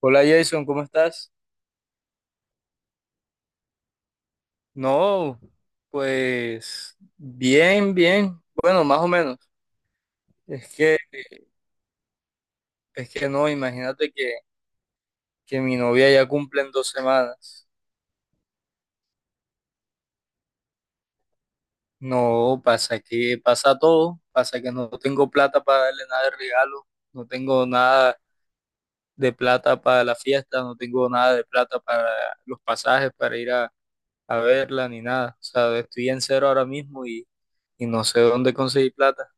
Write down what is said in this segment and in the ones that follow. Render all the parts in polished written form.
Hola Jason, ¿cómo estás? No, pues bien, bien. Bueno, más o menos. Es que, es que no, imagínate que mi novia ya cumple en 2 semanas. No, pasa que pasa todo. Pasa que no tengo plata para darle nada de regalo. No tengo nada de plata para la fiesta. No tengo nada de plata para los pasajes, para ir a verla, ni nada. O sea, estoy en cero ahora mismo y no sé dónde conseguir plata.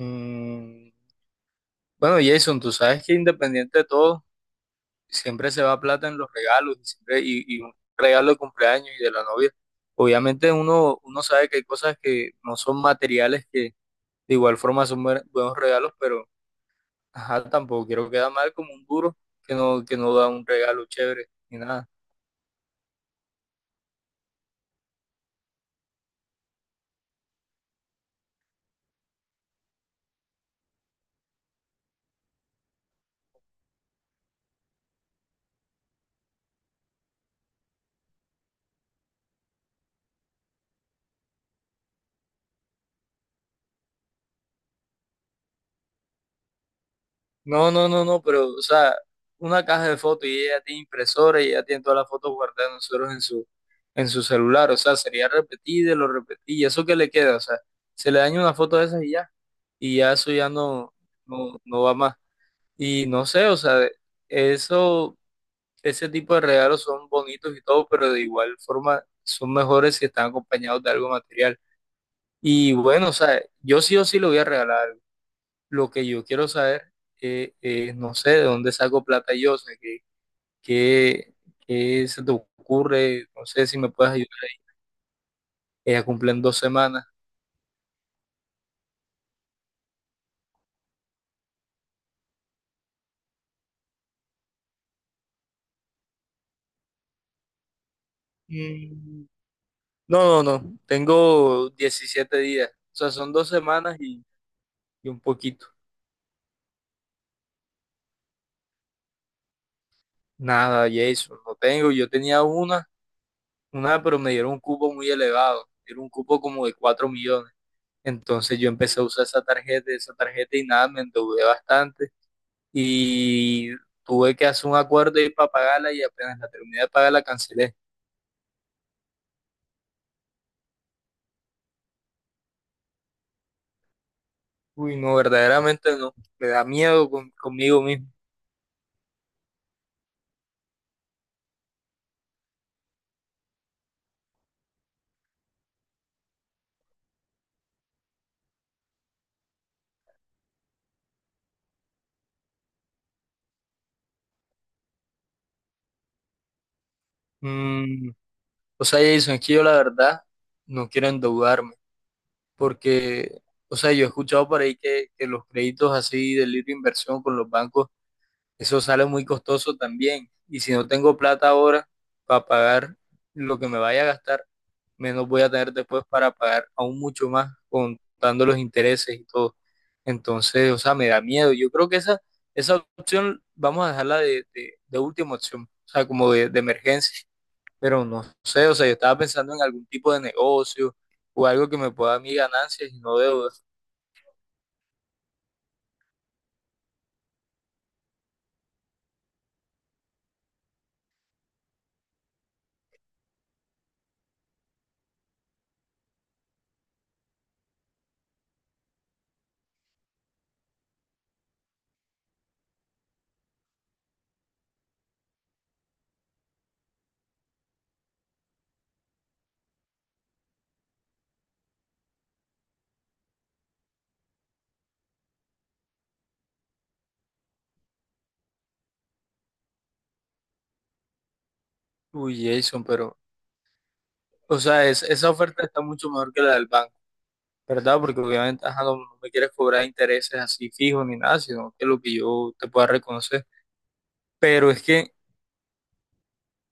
Mm, Bueno, Jason, tú sabes que independiente de todo, siempre se va plata en los regalos y, siempre, y un regalo de cumpleaños y de la novia. Obviamente uno sabe que hay cosas que no son materiales que de igual forma son buenos regalos, pero ajá, tampoco quiero quedar mal como un duro que no da un regalo chévere ni nada. No, no, no, no, pero, o sea, una caja de fotos y ella tiene impresora y ella tiene todas las fotos guardadas de nosotros en su celular, o sea, sería repetir, de lo repetir, y eso que le queda, o sea, se le daña una foto de esas y ya eso ya no, no, no va más. Y no sé, o sea, eso, ese tipo de regalos son bonitos y todo, pero de igual forma son mejores si están acompañados de algo material. Y bueno, o sea, yo sí o sí lo voy a regalar. Lo que yo quiero saber es, no sé, de dónde saco plata yo, o sea, qué, qué se te ocurre, no sé si me puedes ayudar ahí. Ella cumple en 2 semanas. Mm, No, no, no, tengo 17 días, o sea, son 2 semanas y un poquito. Nada, Jason, no tengo, yo tenía una, pero me dieron un cupo muy elevado, era un cupo como de 4 millones. Entonces yo empecé a usar esa tarjeta y nada, me endeudé bastante y tuve que hacer un acuerdo ahí para pagarla y apenas la terminé de pagar la cancelé. Uy, no, verdaderamente no, me da miedo conmigo mismo. Mm, o sea, Jason, es que yo la verdad no quiero endeudarme porque, o sea, yo he escuchado por ahí que los créditos así de libre inversión con los bancos, eso sale muy costoso también. Y si no tengo plata ahora para pagar lo que me vaya a gastar, menos voy a tener después para pagar aún mucho más contando los intereses y todo. Entonces, o sea, me da miedo. Yo creo que esa opción vamos a dejarla de última opción, o sea, como de emergencia. Pero no sé, o sea, yo estaba pensando en algún tipo de negocio o algo que me pueda dar mis ganancias y no deudas. Uy, Jason, pero, o sea, esa oferta está mucho mejor que la del banco, ¿verdad? Porque obviamente, ajá, no me quieres cobrar intereses así fijos ni nada, sino que lo que yo te pueda reconocer. Pero es que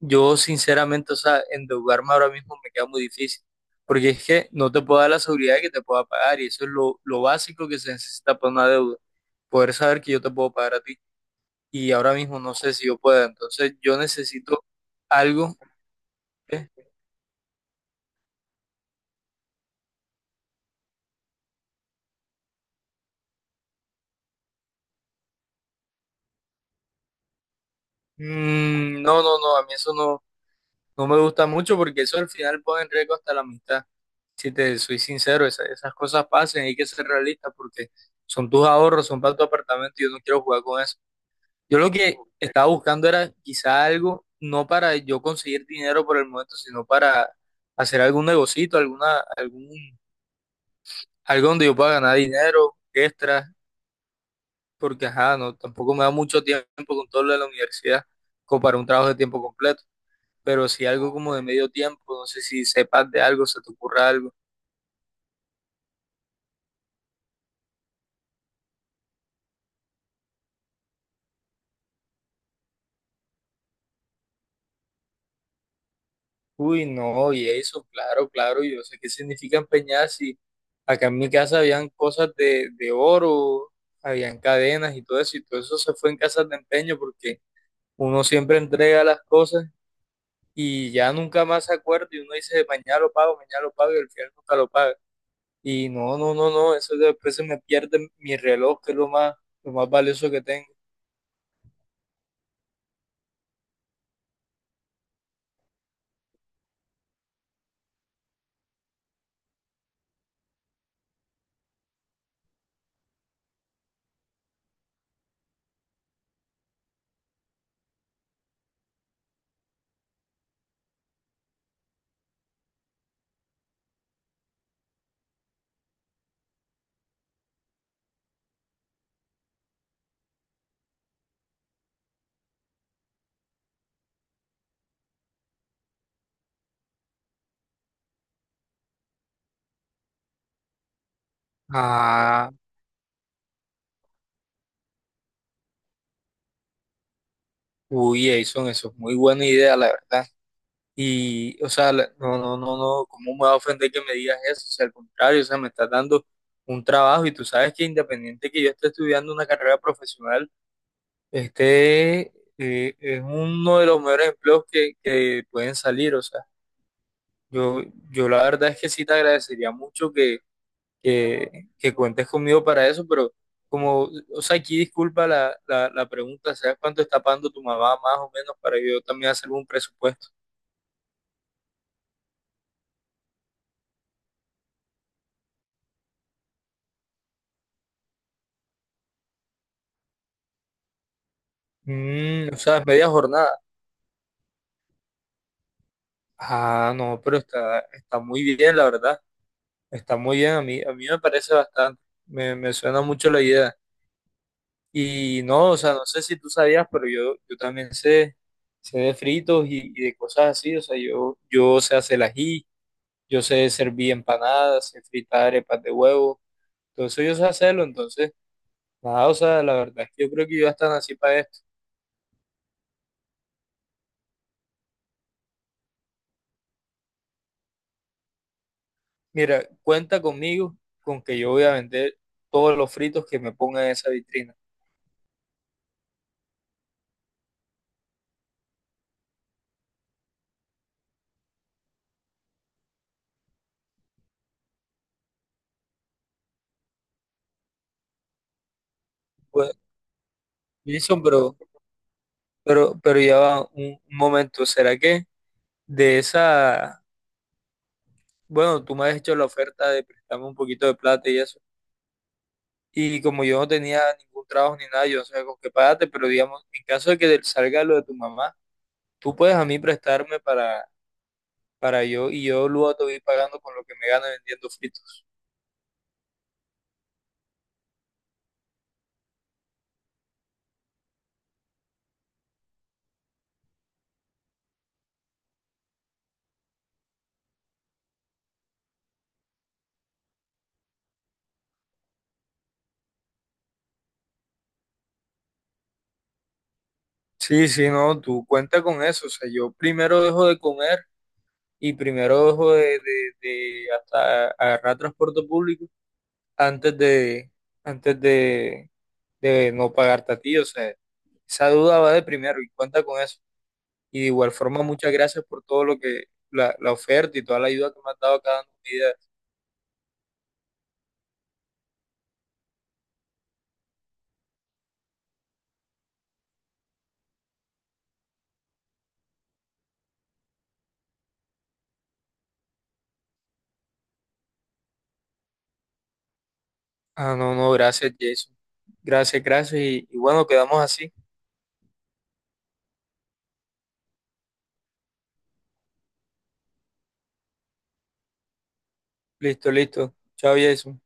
yo sinceramente, o sea, endeudarme ahora mismo me queda muy difícil, porque es que no te puedo dar la seguridad de que te pueda pagar y eso es lo básico que se necesita para una deuda, poder saber que yo te puedo pagar a ti y ahora mismo no sé si yo pueda, entonces yo necesito algo. que- no, no, no, a mí eso no, no me gusta mucho porque eso al final pone en riesgo hasta la amistad. Si te soy sincero, esas cosas pasan hay que ser realista porque son tus ahorros, son para tu apartamento y yo no quiero jugar con eso. Yo lo que estaba buscando era quizá algo, no para yo conseguir dinero por el momento, sino para hacer algún negocito, algo donde yo pueda ganar dinero extra, porque ajá, no, tampoco me da mucho tiempo con todo lo de la universidad, como para un trabajo de tiempo completo, pero si algo como de medio tiempo, no sé si sepas de algo, se te ocurra algo. Uy, no, y eso, claro, claro, yo sé qué significa empeñar si acá en mi casa habían cosas de oro, habían cadenas y todo eso se fue en casas de empeño porque uno siempre entrega las cosas y ya nunca más se acuerda y uno dice, mañana lo pago y al final nunca lo paga. Y no, no, no, no, eso después se me pierde mi reloj, que es lo más valioso que tengo. Ah, uy, Jason, eso es muy buena idea, la verdad. Y, o sea, no, no, no, no, ¿cómo me va a ofender que me digas eso? O sea, al contrario, o sea, me estás dando un trabajo y tú sabes que independiente que yo esté estudiando una carrera profesional, este es uno de los mejores empleos que, pueden salir. O sea, yo, yo la verdad es que sí te agradecería mucho que, que cuentes conmigo para eso, pero como, o sea, aquí disculpa la pregunta, ¿sabes cuánto está pagando tu mamá más o menos para yo también hacer un presupuesto? O sea, es media jornada. Ah, no, pero está muy bien, la verdad. Está muy bien, a mí me parece bastante. Me suena mucho la idea. Y no, o sea, no sé si tú sabías, pero yo también sé de fritos y de cosas así. O sea, yo sé hacer el ají, yo sé servir empanadas, sé fritar arepas de huevo. Todo eso yo sé hacerlo. Entonces, nada, o sea, la verdad es que yo creo que yo están así para esto. Mira, cuenta conmigo con que yo voy a vender todos los fritos que me pongan en esa vitrina. Pues, Wilson, pero ya va un momento, ¿será que de esa, bueno, tú me has hecho la oferta de prestarme un poquito de plata y eso, y como yo no tenía ningún trabajo ni nada, yo no sabía con qué pagarte, pero digamos, en caso de que salga lo de tu mamá, tú puedes a mí prestarme para yo y yo luego te voy pagando con lo que me gano vendiendo fritos. Sí, sí, no, tú cuenta con eso, o sea, yo primero dejo de comer y primero dejo de hasta agarrar transporte público antes de, antes de no pagarte a ti. O sea, esa duda va de primero y cuenta con eso. Y de igual forma, muchas gracias por todo la oferta y toda la ayuda que me has dado cada día. Ah, no, no, gracias, Jason. Gracias, gracias. Y bueno, quedamos así. Listo, listo. Chao, Jason.